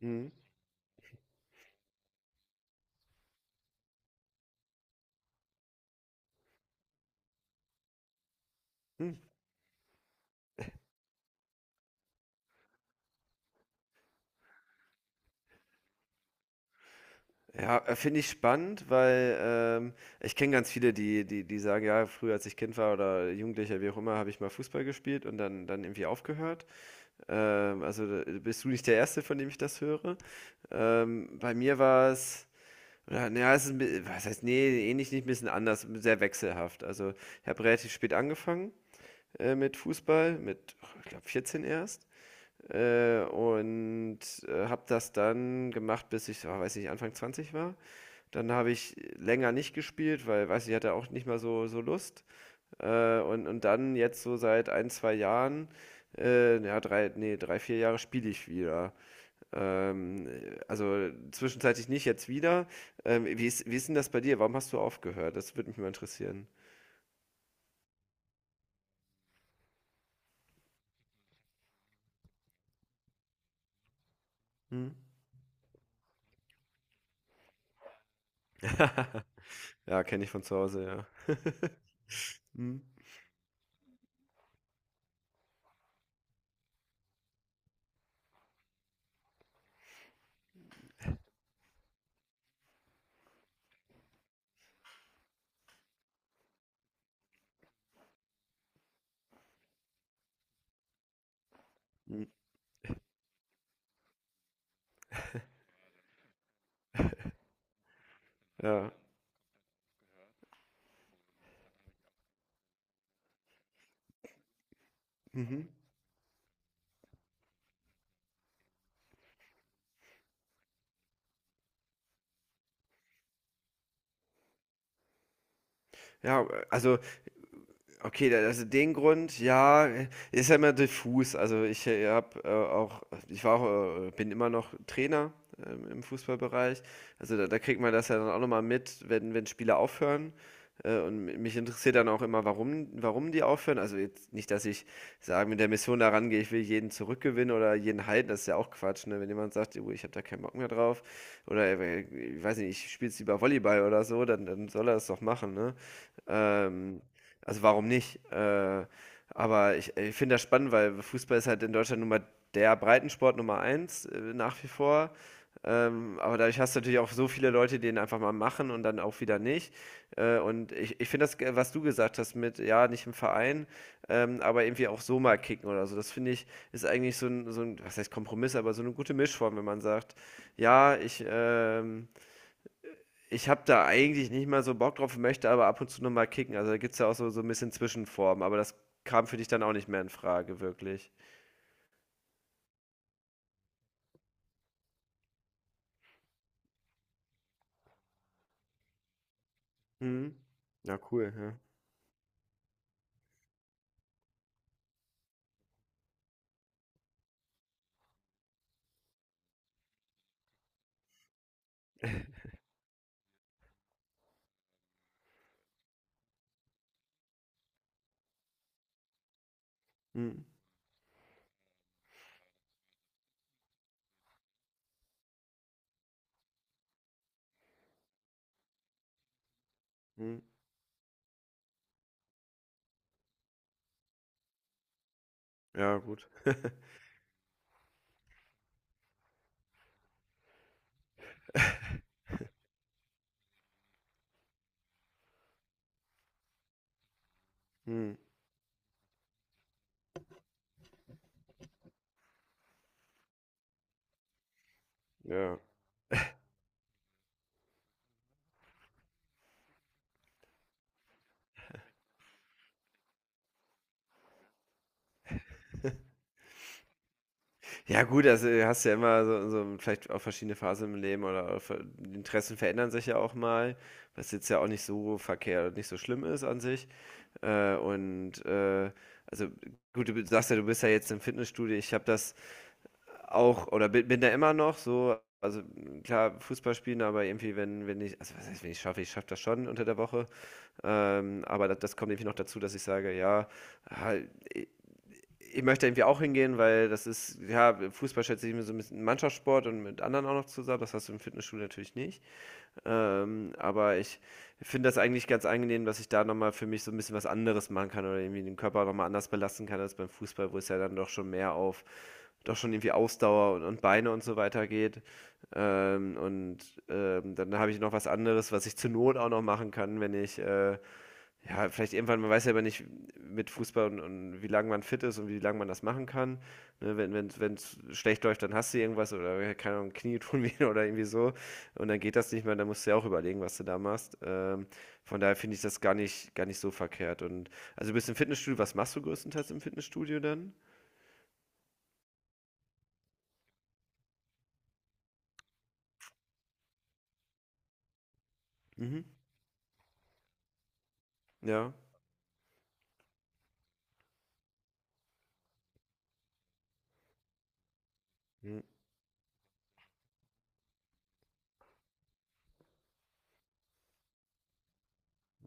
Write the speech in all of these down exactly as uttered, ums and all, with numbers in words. Mhm. Hm. Ja, äh, finde ich spannend, weil ähm, ich kenne ganz viele, die, die, die sagen, ja, früher als ich Kind war oder Jugendlicher, wie auch immer, habe ich mal Fußball gespielt und dann, dann irgendwie aufgehört. Ähm, also da bist du nicht der Erste, von dem ich das höre. Ähm, bei mir war es, oder, naja, es ist ein bi- was heißt, nee, ähnlich nicht, ein bisschen anders, sehr wechselhaft. Also ich habe relativ spät angefangen äh, mit Fußball, mit, oh, ich glaube, vierzehn erst. Äh, und äh, habe das dann gemacht, bis ich, oh, weiß nicht, Anfang zwanzig war. Dann habe ich länger nicht gespielt, weil, weiß ich, hatte auch nicht mal so, so Lust. Äh, und, und dann jetzt so seit ein, zwei Jahren, äh, ja, drei, nee, drei, vier Jahre spiele ich wieder. Ähm, also zwischenzeitlich nicht, jetzt wieder. Ähm, wie ist, wie ist denn das bei dir? Warum hast du aufgehört? Das würde mich mal interessieren. Hm? Ja, kenne ich von zu Hause, ja. Hm? Hm. Ja. Mhm. Ja, also okay, da- also den Grund, ja, ist ja immer diffus. Also ich äh, hab, äh, auch, ich war auch, äh, bin immer noch Trainer ähm, im Fußballbereich. Also da, da kriegt man das ja dann auch nochmal mit, wenn, wenn Spieler aufhören. Äh, und mich interessiert dann auch immer, warum, warum die aufhören. Also jetzt nicht, dass ich sage, mit der Mission da rangehe, ich will jeden zurückgewinnen oder jeden halten, das ist ja auch Quatsch, ne? Wenn jemand sagt: "Oh, ich habe da keinen Bock mehr drauf oder äh, ich weiß nicht, ich spiele jetzt lieber Volleyball oder so, dann, dann soll er das doch machen, ne?" Ähm, also warum nicht? Äh, aber ich, ich finde das spannend, weil Fußball ist halt in Deutschland nun mal der Breitensport Nummer eins, äh, nach wie vor. Ähm, aber dadurch hast du natürlich auch so viele Leute, die ihn einfach mal machen und dann auch wieder nicht. Äh, und ich, ich finde das, äh, was du gesagt hast mit, ja, nicht im Verein, ähm, aber irgendwie auch so mal kicken oder so. Das finde ich, ist eigentlich so ein, so ein, was heißt Kompromiss, aber so eine gute Mischform, wenn man sagt, ja, ich, ähm, ich habe da eigentlich nicht mal so Bock drauf, möchte aber ab und zu noch mal kicken. Also, da gibt's ja auch so so ein bisschen Zwischenformen, aber das kam für dich dann auch nicht mehr in Frage wirklich. Mhm. Ja, cool, ja. Mhm, mhm. Ja, gut. Mhm, ja. Ja gut, also, äh, hast ja immer so so vielleicht auch verschiedene Phasen im Leben oder auch ver die Interessen verändern sich ja auch mal, was jetzt ja auch nicht so verkehrt und nicht so schlimm ist an sich. Äh, und, äh, also, gut, du sagst ja, du bist ja jetzt im Fitnessstudio. Ich habe das auch, oder bin bin da immer noch so, also, m, klar, Fußball spielen, aber irgendwie, wenn wenn ich, also, was heißt, wenn ich schaffe, ich schaffe das schon unter der Woche, ähm, aber da das kommt irgendwie noch dazu, dass ich sage: „Ja, ah, i ich möchte irgendwie auch hingehen, weil das ist ja, Fußball schätze ich mir so ein bisschen Mannschaftssport und mit anderen auch noch zusammen. Das hast du im Fitnessstudio natürlich nicht." Ähm, aber ich finde das eigentlich ganz angenehm, dass ich da noch mal für mich so ein bisschen was anderes machen kann oder irgendwie den Körper noch mal anders belasten kann als beim Fußball, wo es ja dann doch schon mehr auf doch schon irgendwie Ausdauer und, und Beine und so weiter geht. Ähm, und ähm, Dann habe ich noch was anderes, was ich zur Not auch noch machen kann, wenn ich, äh, ja, vielleicht irgendwann, man weiß ja aber nicht mit Fußball und, und wie lange man fit ist und wie lange man das machen kann. Ne, wenn wenn es schlecht läuft, dann hast du irgendwas oder ja, keine Ahnung, Knie tun weh oder irgendwie so. Und dann geht das nicht mehr, dann musst du ja auch überlegen, was du da machst. Ähm, von daher finde ich das gar nicht, gar nicht so verkehrt. Und also du bist im Fitnessstudio, was machst du größtenteils im Fitnessstudio dann? Mhm. Ja. Mhm.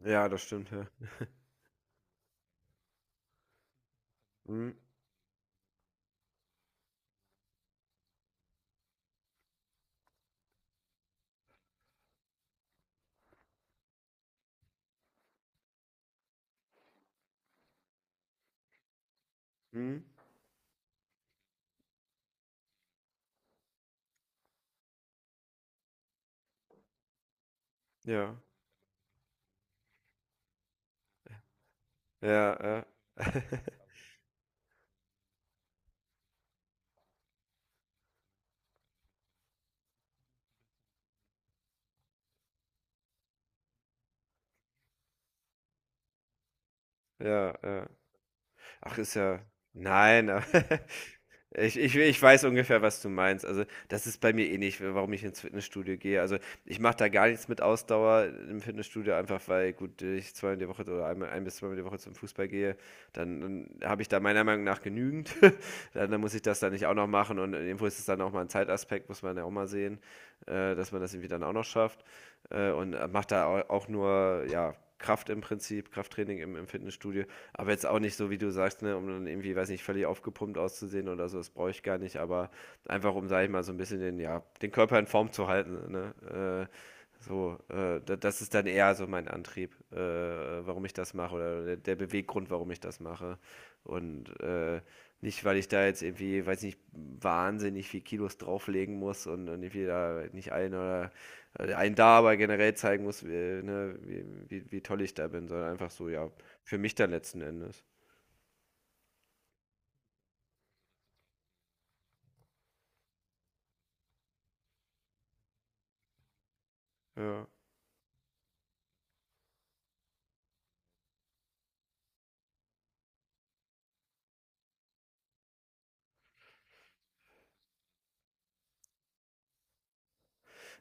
Ja, das stimmt, ja. Mhm. Mhm. Ja. Ja, ja. Ja, ja. Ach, ist ja nein, aber ich ich ich weiß ungefähr, was du meinst. Also, das ist bei mir eh nicht, warum ich ins Fitnessstudio gehe. Also, ich mache da gar nichts mit Ausdauer im Fitnessstudio, einfach weil, gut, ich zweimal die Woche oder einmal ein bis zweimal die Woche zum Fußball gehe, dann dann habe ich da meiner Meinung nach genügend. Dann dann muss ich das dann nicht auch noch machen und irgendwo ist es dann auch mal ein Zeitaspekt, muss man ja auch mal sehen, äh, dass man das irgendwie dann auch noch schafft, äh, und mache da au auch nur, ja, Kraft im Prinzip, Krafttraining im, im Fitnessstudio. Aber jetzt auch nicht so, wie du sagst, ne, um dann irgendwie, weiß nicht, völlig aufgepumpt auszusehen oder so, das brauche ich gar nicht, aber einfach um, sag ich mal, so ein bisschen den, ja, den Körper in Form zu halten, ne? Äh, so, äh, da- das ist dann eher so mein Antrieb, äh, warum ich das mache oder der, der Beweggrund, warum ich das mache. Und äh, nicht, weil ich da jetzt irgendwie, weiß nicht, wahnsinnig viel Kilos drauflegen muss und, und irgendwie da nicht ein oder äh, einen da aber generell zeigen muss, wie, ne, wie, wie, wie toll ich da bin, sondern einfach so, ja, für mich dann letzten Endes. Ja.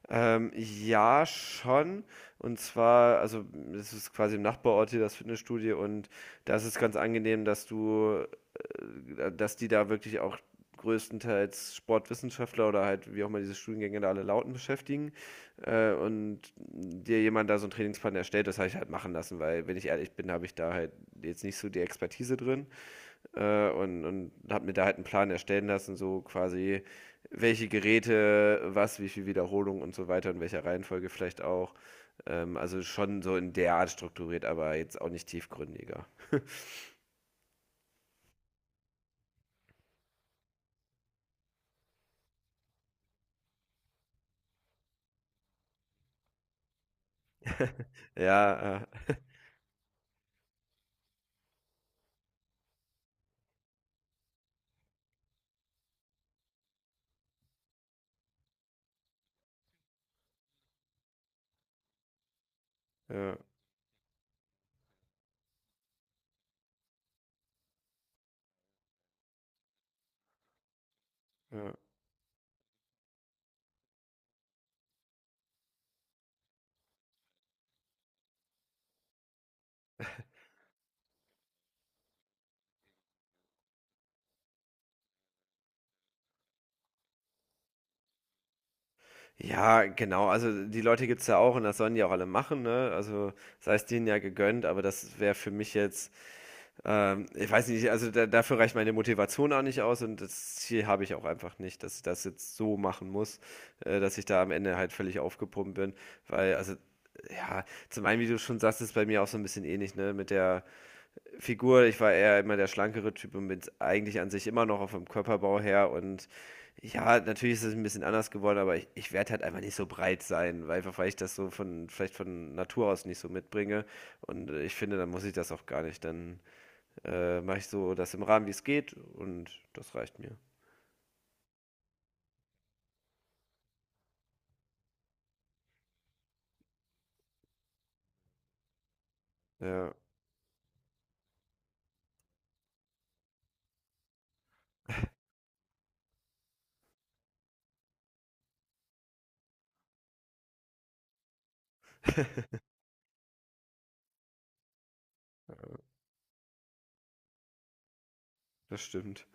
Ähm, ja, schon. Und zwar, also es ist quasi im Nachbarort hier das Fitnessstudio und da ist es ganz angenehm, dass du, äh, dass die da wirklich auch größtenteils Sportwissenschaftler oder halt wie auch immer diese Studiengänge da alle lauten beschäftigen äh, und dir jemand da so einen Trainingsplan erstellt, das habe ich halt machen lassen, weil wenn ich ehrlich bin, habe ich da halt jetzt nicht so die Expertise drin. Äh, und, und habe mir da halt einen Plan erstellen lassen, so quasi welche Geräte, was, wie viel Wiederholung und so weiter, in welcher Reihenfolge vielleicht auch. Ähm, also schon so in der Art strukturiert, aber jetzt auch nicht tiefgründiger. Ja, äh, ja, ja. Ja, genau. Also die Leute gibt es ja auch und das sollen die auch alle machen, ne? Also sei es denen ja gegönnt, aber das wäre für mich jetzt. Ähm, ich weiß nicht, also da, dafür reicht meine Motivation auch nicht aus und das Ziel habe ich auch einfach nicht, dass ich das jetzt so machen muss, äh, dass ich da am Ende halt völlig aufgepumpt bin, weil, also, ja, zum einen, wie du schon sagst, ist bei mir auch so ein bisschen ähnlich, ne, mit der Figur. Ich war eher immer der schlankere Typ und bin eigentlich an sich immer noch auf dem Körperbau her und ja, natürlich ist es ein bisschen anders geworden, aber ich, ich werde halt einfach nicht so breit sein, weil einfach weil ich das so von, vielleicht von Natur aus nicht so mitbringe. Und äh, ich finde, dann muss ich das auch gar nicht. Dann äh, mache ich so das im Rahmen, wie es geht und das reicht mir. Ja, das stimmt.